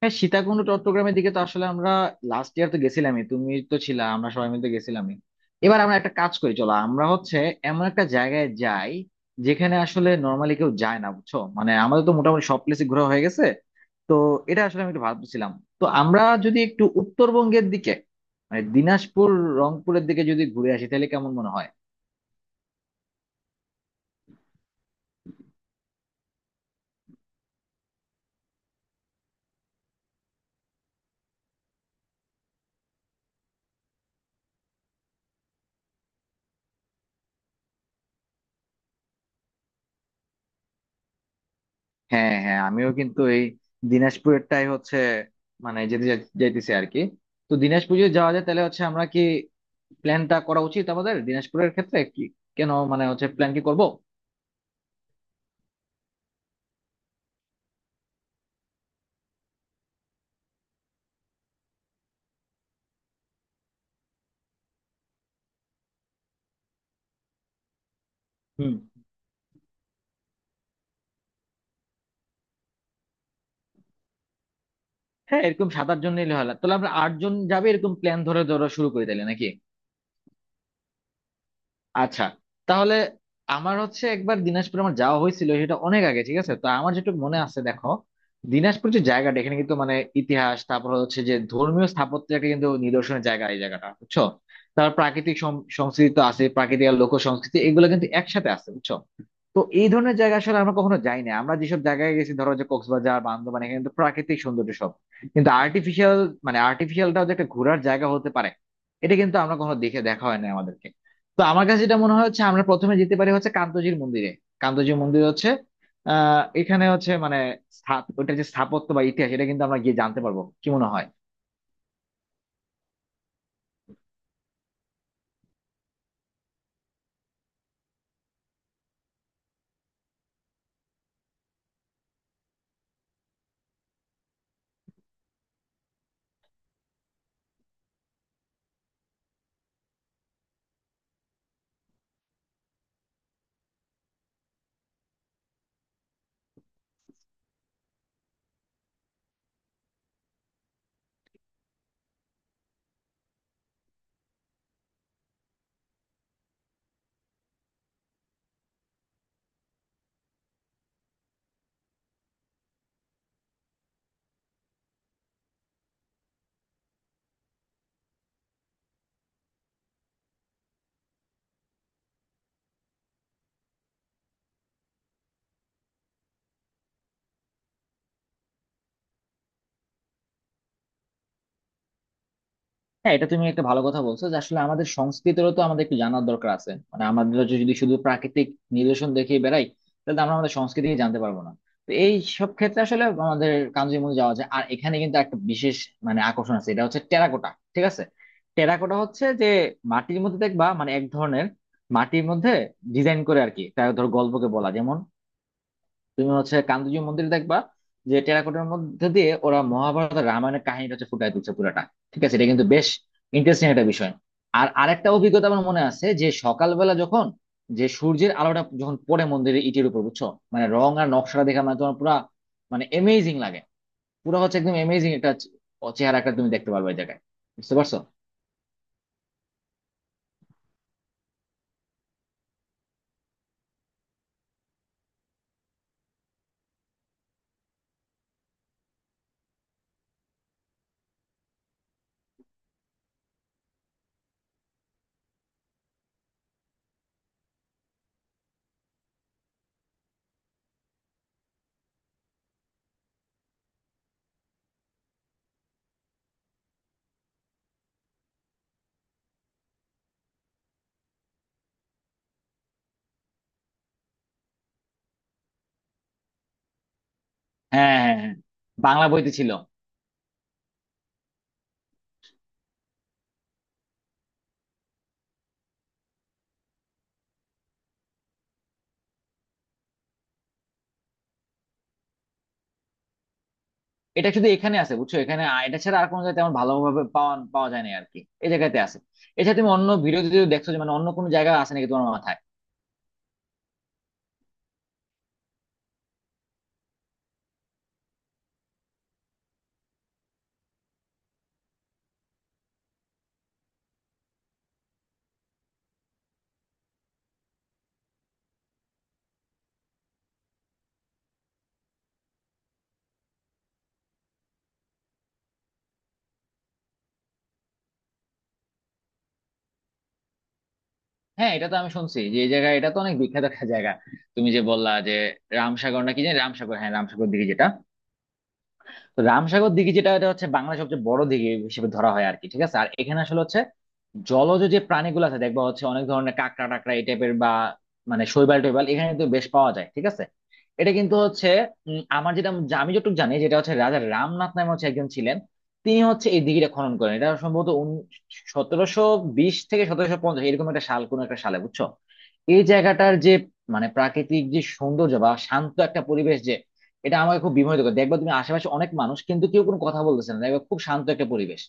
হ্যাঁ, সীতাকুণ্ড চট্টগ্রামের দিকে তো আসলে আমরা লাস্ট ইয়ার তো গেছিলামই, তুমি তো ছিলা, আমরা সবাই মিলে তো গেছিলামই। এবার আমরা একটা কাজ করি, চলো আমরা হচ্ছে এমন একটা জায়গায় যাই যেখানে আসলে নর্মালি কেউ যায় না, বুঝছো? মানে আমাদের তো মোটামুটি সব প্লেসে ঘোরা হয়ে গেছে। তো এটা আসলে আমি একটু ভাবছিলাম। তো আমরা যদি একটু উত্তরবঙ্গের দিকে, মানে দিনাজপুর, রংপুরের দিকে যদি ঘুরে আসি তাহলে কেমন মনে হয়? হ্যাঁ হ্যাঁ, আমিও কিন্তু এই দিনাজপুরেরটাই হচ্ছে, মানে যেতে যাইতেছি আর কি। তো দিনাজপুর যদি যাওয়া যায় তাহলে হচ্ছে আমরা কি প্ল্যানটা করা উচিত আমাদের দিনাজপুরের ক্ষেত্রে? কি, কেন, মানে হচ্ছে প্ল্যান কি করবো? হুম। হ্যাঁ, এরকম 7-8 জন নিলে হয় না। তাহলে আমরা 8 জন যাবে এরকম প্ল্যান ধরে ধরে শুরু করে দিলে নাকি? আচ্ছা, তাহলে আমার হচ্ছে একবার দিনাজপুর আমার যাওয়া হয়েছিল, সেটা অনেক আগে, ঠিক আছে? তো আমার যেটুকু মনে আছে দেখো, দিনাজপুর যে জায়গাটা এখানে কিন্তু মানে ইতিহাস, তারপর হচ্ছে যে ধর্মীয় স্থাপত্যের একটা কিন্তু নিদর্শনের জায়গা এই জায়গাটা, বুঝছো? তারপর প্রাকৃতিক সংস্কৃতি তো আছে, প্রাকৃতিক আর লোক সংস্কৃতি এগুলো কিন্তু একসাথে আছে, বুঝছো? তো এই ধরনের জায়গা আসলে আমরা কখনো যাই না। আমরা যেসব জায়গায় গেছি ধরো যে কক্সবাজার, বান্দরবান, এখানে তো প্রাকৃতিক সৌন্দর্য সব, কিন্তু আর্টিফিশিয়াল, মানে আর্টিফিশিয়ালটাও যে একটা ঘোরার জায়গা হতে পারে এটা কিন্তু আমরা কখনো দেখে দেখা হয় না আমাদেরকে। তো আমার কাছে যেটা মনে হয় হচ্ছে আমরা প্রথমে যেতে পারি হচ্ছে কান্তজির মন্দিরে। কান্তজির মন্দির হচ্ছে এখানে হচ্ছে মানে স্থাপ, ওটা যে স্থাপত্য বা ইতিহাস এটা কিন্তু আমরা গিয়ে জানতে পারবো, কি মনে হয়? হ্যাঁ, এটা তুমি একটা ভালো কথা বলছো যে আসলে আমাদের সংস্কৃতিরও তো আমাদের একটু জানার দরকার আছে, মানে আমাদের যে যদি শুধু প্রাকৃতিক নিদর্শন দেখে বেড়াই তাহলে তো আমরা আমাদের সংস্কৃতিকে জানতে পারবো না। তো এই সব ক্ষেত্রে আসলে আমাদের কাঞ্চনজঙ্ঘা যাওয়া যায়, আর এখানে কিন্তু একটা বিশেষ মানে আকর্ষণ আছে, এটা হচ্ছে টেরাকোটা, ঠিক আছে? টেরাকোটা হচ্ছে যে মাটির মধ্যে দেখবা মানে এক ধরনের মাটির মধ্যে ডিজাইন করে আর কি, তার ধর গল্পকে বলা, যেমন তুমি হচ্ছে কান্দুজি মন্দির দেখবা যে টেরাকোটার মধ্যে দিয়ে ওরা মহাভারত আর রামায়ণের কাহিনীটা হচ্ছে ফুটায় তুলছে পুরাটা, ঠিক আছে? এটা কিন্তু বেশ ইন্টারেস্টিং একটা বিষয়। আর আরেকটা অভিজ্ঞতা আমার মনে আছে যে সকালবেলা যখন যে সূর্যের আলোটা যখন পড়ে মন্দিরের ইটের উপর, বুঝছো, মানে রং আর নকশাটা দেখা মানে তোমার পুরা মানে এমেজিং লাগে, পুরো হচ্ছে একদম এমেজিং একটা চেহারা একটা তুমি দেখতে পারবে ওই জায়গায়। বুঝতে পারছো? হ্যাঁ হ্যাঁ হ্যাঁ, বাংলা বইতে ছিল। এটা শুধু এখানে আছে, বুঝছো? এখানে এটা ছাড়া আর কোনো জায়গায় তেমন ভালোভাবে পাওয়া পাওয়া যায় না আর কি, এই জায়গাতে আছে। এছাড়া তুমি অন্য ভিডিওতে যদি দেখছো যে মানে অন্য কোনো জায়গা আছে নাকি তোমার মাথায়? হ্যাঁ, এটা তো আমি শুনছি যে এই জায়গা, এটা তো অনেক বিখ্যাত একটা জায়গা। তুমি যে বললা যে রামসাগর নাকি জানি, রামসাগর, হ্যাঁ রামসাগর দিঘি যেটা, তো রামসাগর দিঘি যেটা, এটা হচ্ছে বাংলার সবচেয়ে বড় দিঘি হিসেবে ধরা হয় আর কি, ঠিক আছে? আর এখানে আসলে হচ্ছে জলজ যে প্রাণীগুলো আছে দেখবা হচ্ছে অনেক ধরনের কাঁকড়া টাকড়া এই টাইপের বা মানে শৈবাল টৈবাল এখানে কিন্তু বেশ পাওয়া যায়, ঠিক আছে? এটা কিন্তু হচ্ছে আমার যেটা আমি যতটুকু জানি যেটা হচ্ছে রাজা রামনাথ নামে হচ্ছে একজন ছিলেন, তিনি হচ্ছে এই দিঘিটা খনন করেন, এটা সম্ভবত 1720 বিশ থেকে 1750 এরকম একটা সাল, কোন একটা সালে, বুঝছো? এই জায়গাটার যে মানে প্রাকৃতিক যে সৌন্দর্য বা শান্ত একটা পরিবেশ, যে এটা আমাকে খুব বিমোহিত করে। দেখবা তুমি আশেপাশে অনেক মানুষ কিন্তু কেউ কোনো কথা বলতেছে না, দেখবা খুব শান্ত একটা পরিবেশ,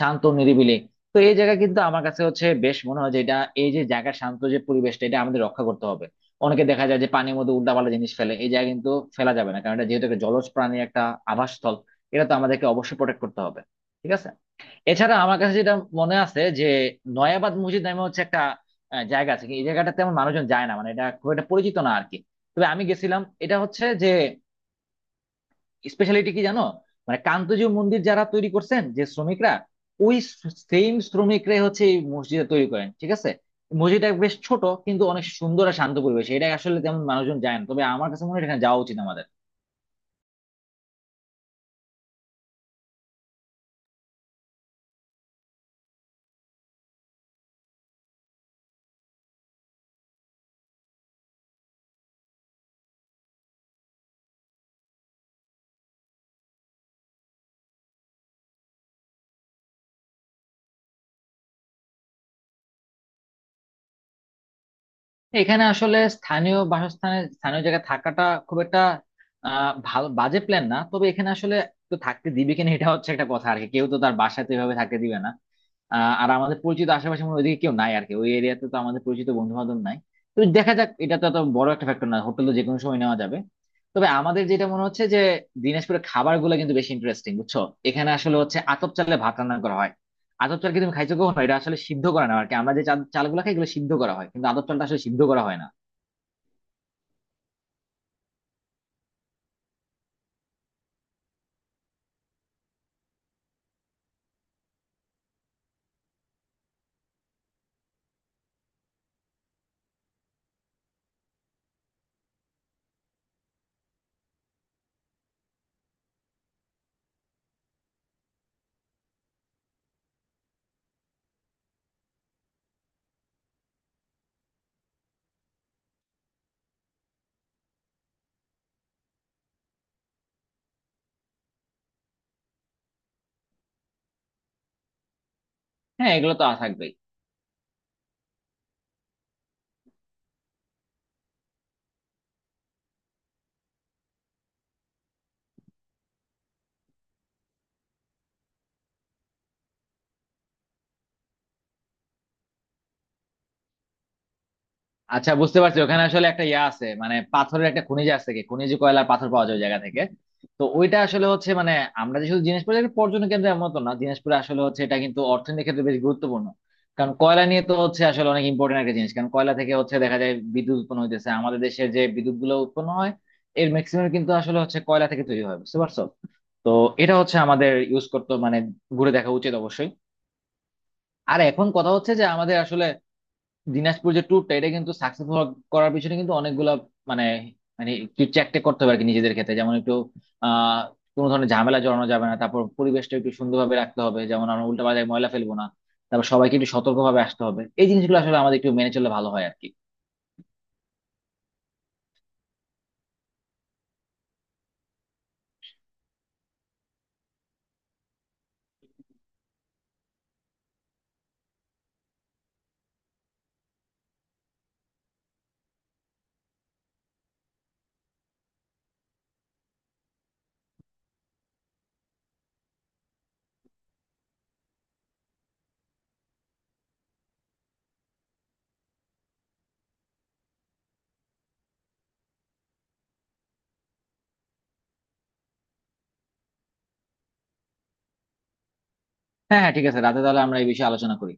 শান্ত নিরিবিলি। তো এই জায়গা কিন্তু আমার কাছে হচ্ছে বেশ, মনে হয় যে এটা এই যে জায়গা শান্ত যে পরিবেশটা এটা আমাদের রক্ষা করতে হবে। অনেকে দেখা যায় যে পানির মধ্যে উল্টাপাল্টা জিনিস ফেলে, এই জায়গা কিন্তু ফেলা যাবে না কারণ এটা যেহেতু একটা জলজ প্রাণীর একটা আবাসস্থল, এটা তো আমাদেরকে অবশ্যই প্রোটেক্ট করতে হবে, ঠিক আছে? এছাড়া আমার কাছে যেটা মনে আছে যে নয়াবাদ মসজিদ নামে হচ্ছে একটা জায়গা আছে, কি এই জায়গাটা তেমন মানুষজন যায় না, মানে এটা খুব একটা পরিচিত না আর কি। তবে আমি গেছিলাম, এটা হচ্ছে যে স্পেশালিটি কি জানো, মানে কান্তজি মন্দির যারা তৈরি করছেন যে শ্রমিকরা, ওই সেম শ্রমিকরাই হচ্ছে এই মসজিদটা তৈরি করেন, ঠিক আছে? মসজিদটা বেশ ছোট কিন্তু অনেক সুন্দর আর শান্ত পরিবেশ, এটা আসলে তেমন মানুষজন যায় না তবে আমার কাছে মনে হয় এখানে যাওয়া উচিত আমাদের। এখানে আসলে স্থানীয় বাসস্থানে স্থানীয় জায়গায় থাকাটা খুব একটা ভালো বাজে প্ল্যান না, তবে এখানে আসলে তো থাকতে দিবে কিনা এটা হচ্ছে একটা কথা আর কি, কেউ তো তার বাসাতে এভাবে থাকতে দিবে না। আর আমাদের পরিচিত আশেপাশে মনে হয় ওইদিকে কেউ নাই আর কি, ওই এরিয়াতে তো আমাদের পরিচিত বন্ধু বান্ধব নাই। তো দেখা যাক, এটা তো এত বড় একটা ফ্যাক্টর না, হোটেল তো যেকোনো সময় নেওয়া যাবে। তবে আমাদের যেটা মনে হচ্ছে যে দিনাজপুরের খাবার গুলো কিন্তু বেশি ইন্টারেস্টিং, বুঝছো? এখানে আসলে হচ্ছে আতপ চালে ভাত রান্না করা হয়। আতপ চাল কি তুমি খাইছো কখনো? এটা আসলে সিদ্ধ করা না আর কি, আমরা যে চালগুলো খাই এগুলো সিদ্ধ করা হয় কিন্তু আতপ চালটা আসলে সিদ্ধ করা হয় না। হ্যাঁ, এগুলো তো থাকবেই। আচ্ছা, বুঝতে পারছি, ওখানে আসলে একটা ইয়া আছে মানে পাথরের একটা খনিজ আছে, কি খনিজ, কয়লার পাথর পাওয়া যায় ওই জায়গা থেকে। তো ওইটা আসলে হচ্ছে মানে আমরা যে শুধু দিনাজপুরে একটা পর্যটন কেন্দ্র এমন তো না, দিনাজপুরে আসলে হচ্ছে এটা কিন্তু অর্থনীতির ক্ষেত্রে বেশ গুরুত্বপূর্ণ, কারণ কয়লা নিয়ে তো হচ্ছে আসলে অনেক ইম্পর্টেন্ট একটা জিনিস, কারণ কয়লা থেকে হচ্ছে দেখা যায় বিদ্যুৎ উৎপন্ন হইতেছে। আমাদের দেশে যে বিদ্যুৎ গুলো উৎপন্ন হয় এর ম্যাক্সিমাম কিন্তু আসলে হচ্ছে কয়লা থেকে তৈরি হয়, বুঝতে পারছো? তো এটা হচ্ছে আমাদের ইউজ করতে মানে ঘুরে দেখা উচিত অবশ্যই। আর এখন কথা হচ্ছে যে আমাদের আসলে দিনাজপুর যে ট্যুরটা এটা কিন্তু সাকসেসফুল করার পিছনে কিন্তু অনেকগুলা মানে মানে একটু চেক করতে হবে আর কি নিজেদের ক্ষেত্রে, যেমন একটু আহ কোনো ধরনের ঝামেলা জড়ানো যাবে না, তারপর পরিবেশটা একটু সুন্দরভাবে রাখতে হবে, যেমন আমরা উল্টা পাল্টা ময়লা ফেলবো না, তারপর সবাইকে একটু সতর্কভাবে আসতে হবে, এই জিনিসগুলো আসলে আমাদের একটু মেনে চললে ভালো হয় আর কি। হ্যাঁ হ্যাঁ ঠিক আছে, রাতে তাহলে আমরা এই বিষয়ে আলোচনা করি।